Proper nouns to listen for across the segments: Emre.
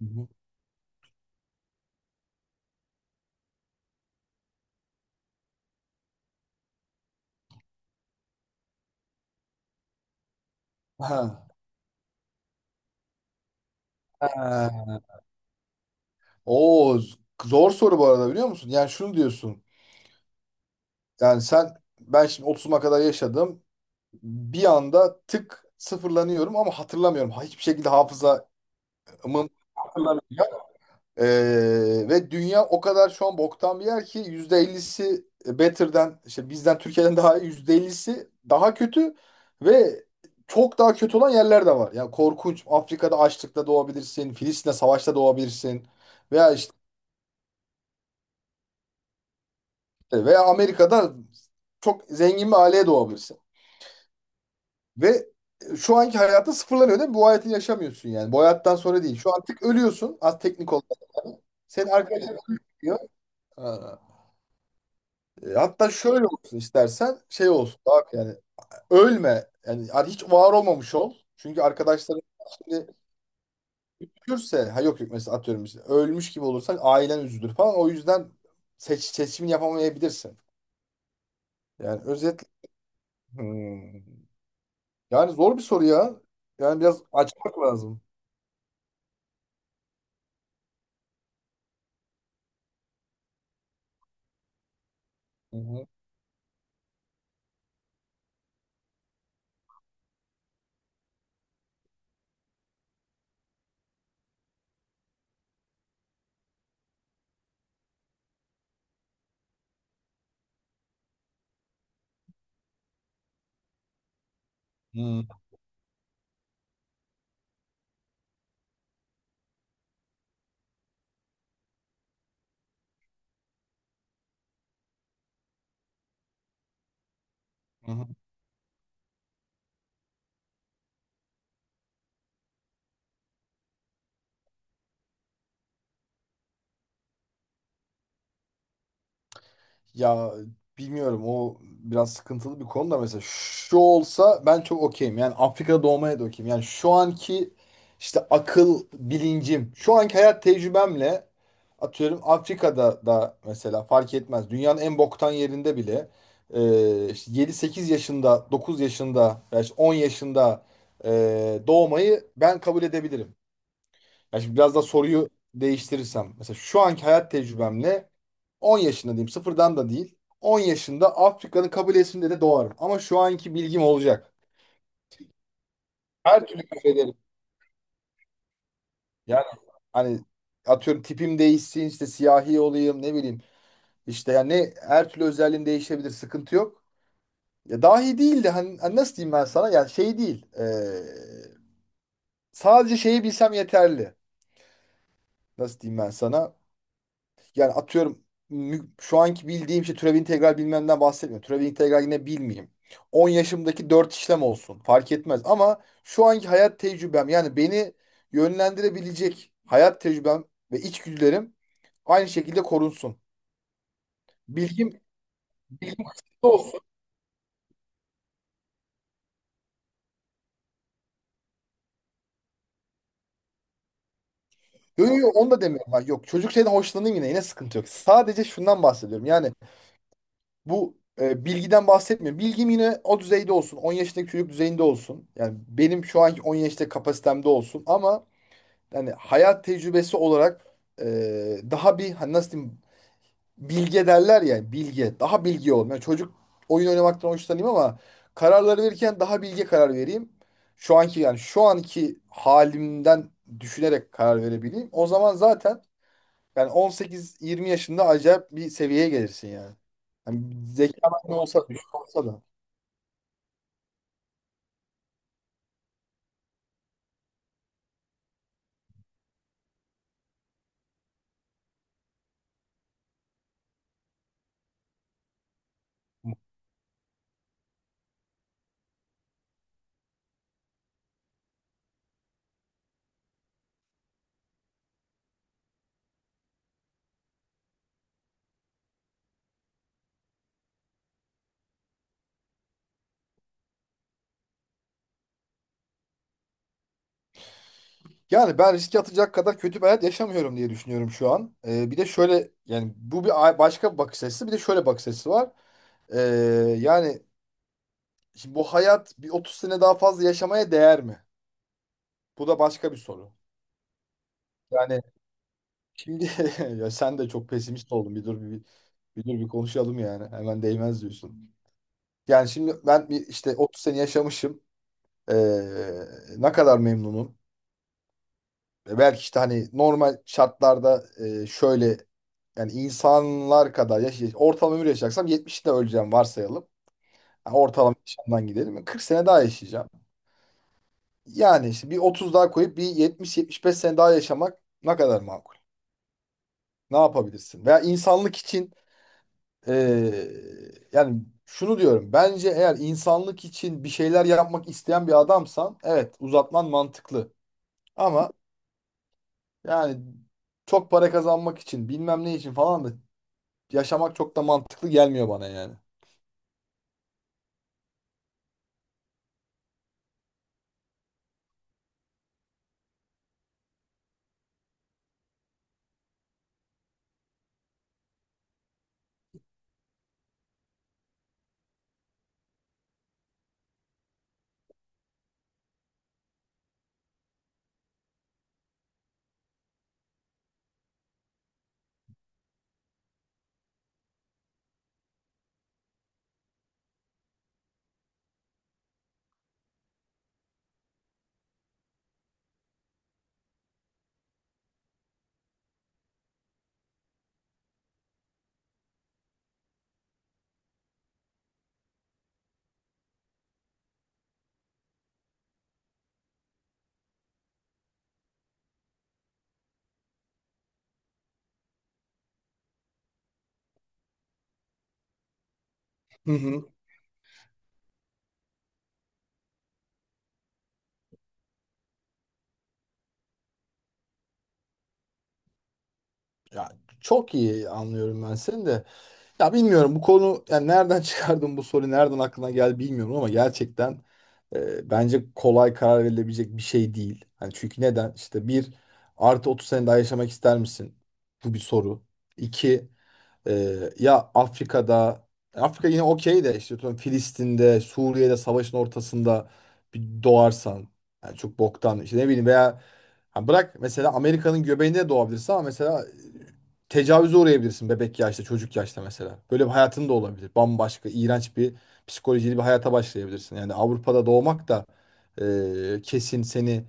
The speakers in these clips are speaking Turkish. Hı. Ha. Ha. Oo, zor soru bu arada biliyor musun? Yani şunu diyorsun. Yani ben şimdi 30'uma kadar yaşadım. Bir anda tık sıfırlanıyorum ama hatırlamıyorum. Ha, hiçbir şekilde hafızamın hatırlamayacak. Ee, ve dünya o kadar şu an boktan bir yer ki %50'si better'den işte bizden Türkiye'den daha iyi, %50'si daha kötü ve çok daha kötü olan yerler de var. Yani korkunç. Afrika'da açlıkta doğabilirsin. Filistin'de savaşta doğabilirsin. Veya. Ve Amerika'da çok zengin bir aileye doğabilirsin. Ve şu anki hayatın sıfırlanıyor değil mi? Bu hayatı yaşamıyorsun yani. Bu hayattan sonra değil. Şu artık ölüyorsun. Az teknik olarak. Yani. Senin arkadaşlar ölüyor. Ha. Hatta şöyle olsun istersen, şey olsun. Daha yani ölme. Yani hiç var olmamış ol. Çünkü arkadaşların şimdi üzülürse ha yok yok, mesela atıyorum işte, ölmüş gibi olursan ailen üzülür falan. O yüzden seçimini yapamayabilirsin. Yani özetle. Hmm. Yani zor bir soru ya. Yani biraz açmak lazım. Hı hı. Hı hı. Ya bilmiyorum, o biraz sıkıntılı bir konu da mesela şu olsa ben çok okeyim. Yani Afrika'da doğmaya da okeyim. Yani şu anki işte akıl bilincim, şu anki hayat tecrübemle atıyorum Afrika'da da mesela fark etmez. Dünyanın en boktan yerinde bile işte 7-8 yaşında, 9 yaşında veya işte 10 yaşında doğmayı ben kabul edebilirim. Ya şimdi biraz daha soruyu değiştirirsem. Mesela şu anki hayat tecrübemle 10 yaşında diyeyim. Sıfırdan da değil. 10 yaşında Afrika'nın kabilesinde de doğarım. Ama şu anki bilgim olacak. Her türlü kabilelerim. Yani hani atıyorum tipim değişsin, işte siyahi olayım, ne bileyim. İşte yani her türlü özelliğim değişebilir. Sıkıntı yok. Ya dahi değil de hani, hani nasıl diyeyim ben sana? Yani şey değil. Sadece şeyi bilsem yeterli. Nasıl diyeyim ben sana? Yani atıyorum şu anki bildiğim şey, türev integral bilmemden bahsetmiyorum. Türev integral yine bilmeyeyim. 10 yaşımdaki 4 işlem olsun. Fark etmez. Ama şu anki hayat tecrübem, yani beni yönlendirebilecek hayat tecrübem ve içgüdülerim aynı şekilde korunsun. Bilgim, bilgim kısıtlı olsun. Yok yok yok, onu da demiyorum. Ben. Yok çocuk şeyden hoşlanayım yine. Yine sıkıntı yok. Sadece şundan bahsediyorum. Yani bu bilgiden bahsetmiyorum. Bilgim yine o düzeyde olsun. 10 yaşındaki çocuk düzeyinde olsun. Yani benim şu anki 10 yaşta kapasitemde olsun. Ama yani hayat tecrübesi olarak e, daha bir hani nasıl diyeyim, bilge derler ya, bilge. Daha bilgi olayım. Yani çocuk oyun oynamaktan hoşlanayım ama kararları verirken daha bilge karar vereyim. Şu anki, yani şu anki halimden düşünerek karar verebileyim. O zaman zaten yani 18-20 yaşında acayip bir seviyeye gelirsin yani. Yani zekaman ne olsa, düşük olsa da. Yani ben riske atacak kadar kötü bir hayat yaşamıyorum diye düşünüyorum şu an. Bir de şöyle, yani bu bir başka bir bakış açısı, bir de şöyle bakış açısı var. Ee, yani şimdi bu hayat bir 30 sene daha fazla yaşamaya değer mi? Bu da başka bir soru. Yani şimdi ya sen de çok pesimist oldun. Bir dur bir konuşalım yani. Hemen değmez diyorsun. Yani şimdi ben bir işte 30 sene yaşamışım. Ee, ne kadar memnunum. Belki işte hani normal şartlarda şöyle yani insanlar kadar ortalama ömür yaşayacaksam 70'te öleceğim varsayalım. Yani ortalama yaşamdan gidelim. Yani 40 sene daha yaşayacağım. Yani işte bir 30 daha koyup bir 70-75 sene daha yaşamak ne kadar makul? Ne yapabilirsin? Veya insanlık için e, yani şunu diyorum. Bence eğer insanlık için bir şeyler yapmak isteyen bir adamsan, evet, uzatman mantıklı. Ama yani çok para kazanmak için, bilmem ne için falan da yaşamak çok da mantıklı gelmiyor bana yani. Hı hı. Ya çok iyi anlıyorum ben seni de. Ya bilmiyorum bu konu, yani nereden çıkardın, bu soru nereden aklına geldi bilmiyorum ama gerçekten bence kolay karar verilebilecek bir şey değil. Hani çünkü neden? İşte bir, artı 30 sene daha yaşamak ister misin? Bu bir soru. İki. Ya Afrika'da, Afrika yine okey de işte atıyorum Filistin'de, Suriye'de savaşın ortasında bir doğarsan yani çok boktan, işte ne bileyim, veya ha bırak, mesela Amerika'nın göbeğinde doğabilirsin ama mesela tecavüze uğrayabilirsin bebek yaşta, çocuk yaşta mesela. Böyle bir hayatın da olabilir. Bambaşka, iğrenç bir psikolojili bir hayata başlayabilirsin. Yani Avrupa'da doğmak da kesin seni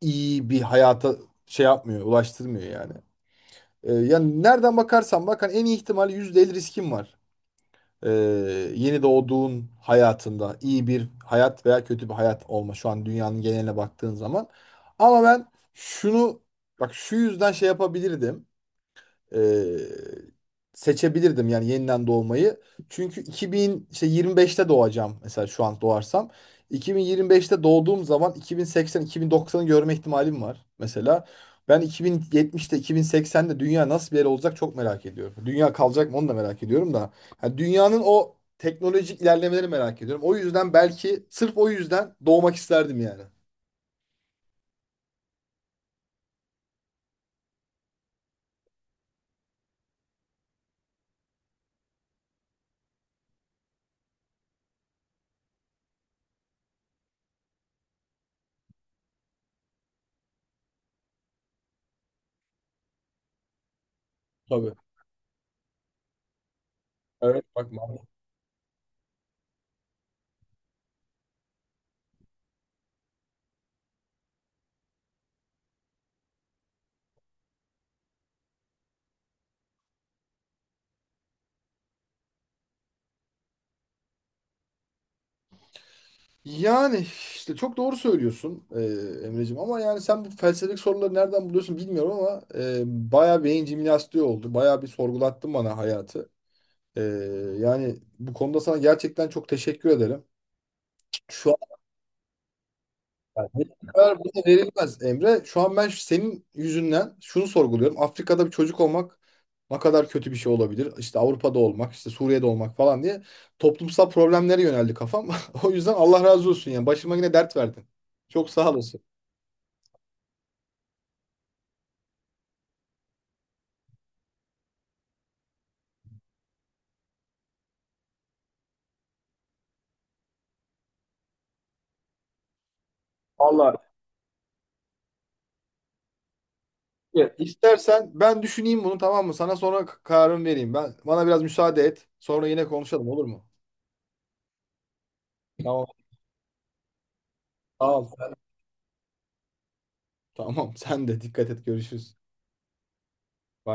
iyi bir hayata şey yapmıyor, ulaştırmıyor yani. Yani nereden bakarsan bak hani en iyi ihtimal %50 riskin var. Ee, yeni doğduğun hayatında iyi bir hayat veya kötü bir hayat olma, şu an dünyanın geneline baktığın zaman. Ama ben şunu, bak şu yüzden şey yapabilirdim, e, seçebilirdim yani yeniden doğmayı. Çünkü 2000 işte 25'te doğacağım mesela şu an doğarsam. 2025'te doğduğum zaman 2080-2090'ı görme ihtimalim var mesela. Ben 2070'te, 2080'de dünya nasıl bir yer olacak çok merak ediyorum. Dünya kalacak mı onu da merak ediyorum da. Yani dünyanın o teknolojik ilerlemeleri merak ediyorum. O yüzden belki sırf o yüzden doğmak isterdim yani. Tabii. Evet bak, yani işte çok doğru söylüyorsun Emreciğim ama yani sen bu felsefik soruları nereden buluyorsun bilmiyorum ama bayağı beyin jimnastiği oldu. Bayağı bir sorgulattın bana hayatı. E, yani bu konuda sana gerçekten çok teşekkür ederim. Şu an kadar buna verilmez Emre. Şu an ben senin yüzünden şunu sorguluyorum. Afrika'da bir çocuk olmak ne kadar kötü bir şey olabilir? İşte Avrupa'da olmak, işte Suriye'de olmak falan diye toplumsal problemlere yöneldi kafam. O yüzden Allah razı olsun, yani başıma yine dert verdin. Çok sağ olasın. Vallahi. Ya, İstersen ben düşüneyim bunu, tamam mı? Sana sonra kararımı vereyim. Ben bana biraz müsaade et. Sonra yine konuşalım olur mu? Tamam. Tamam. Tamam. Sen de dikkat et. Görüşürüz. Bye.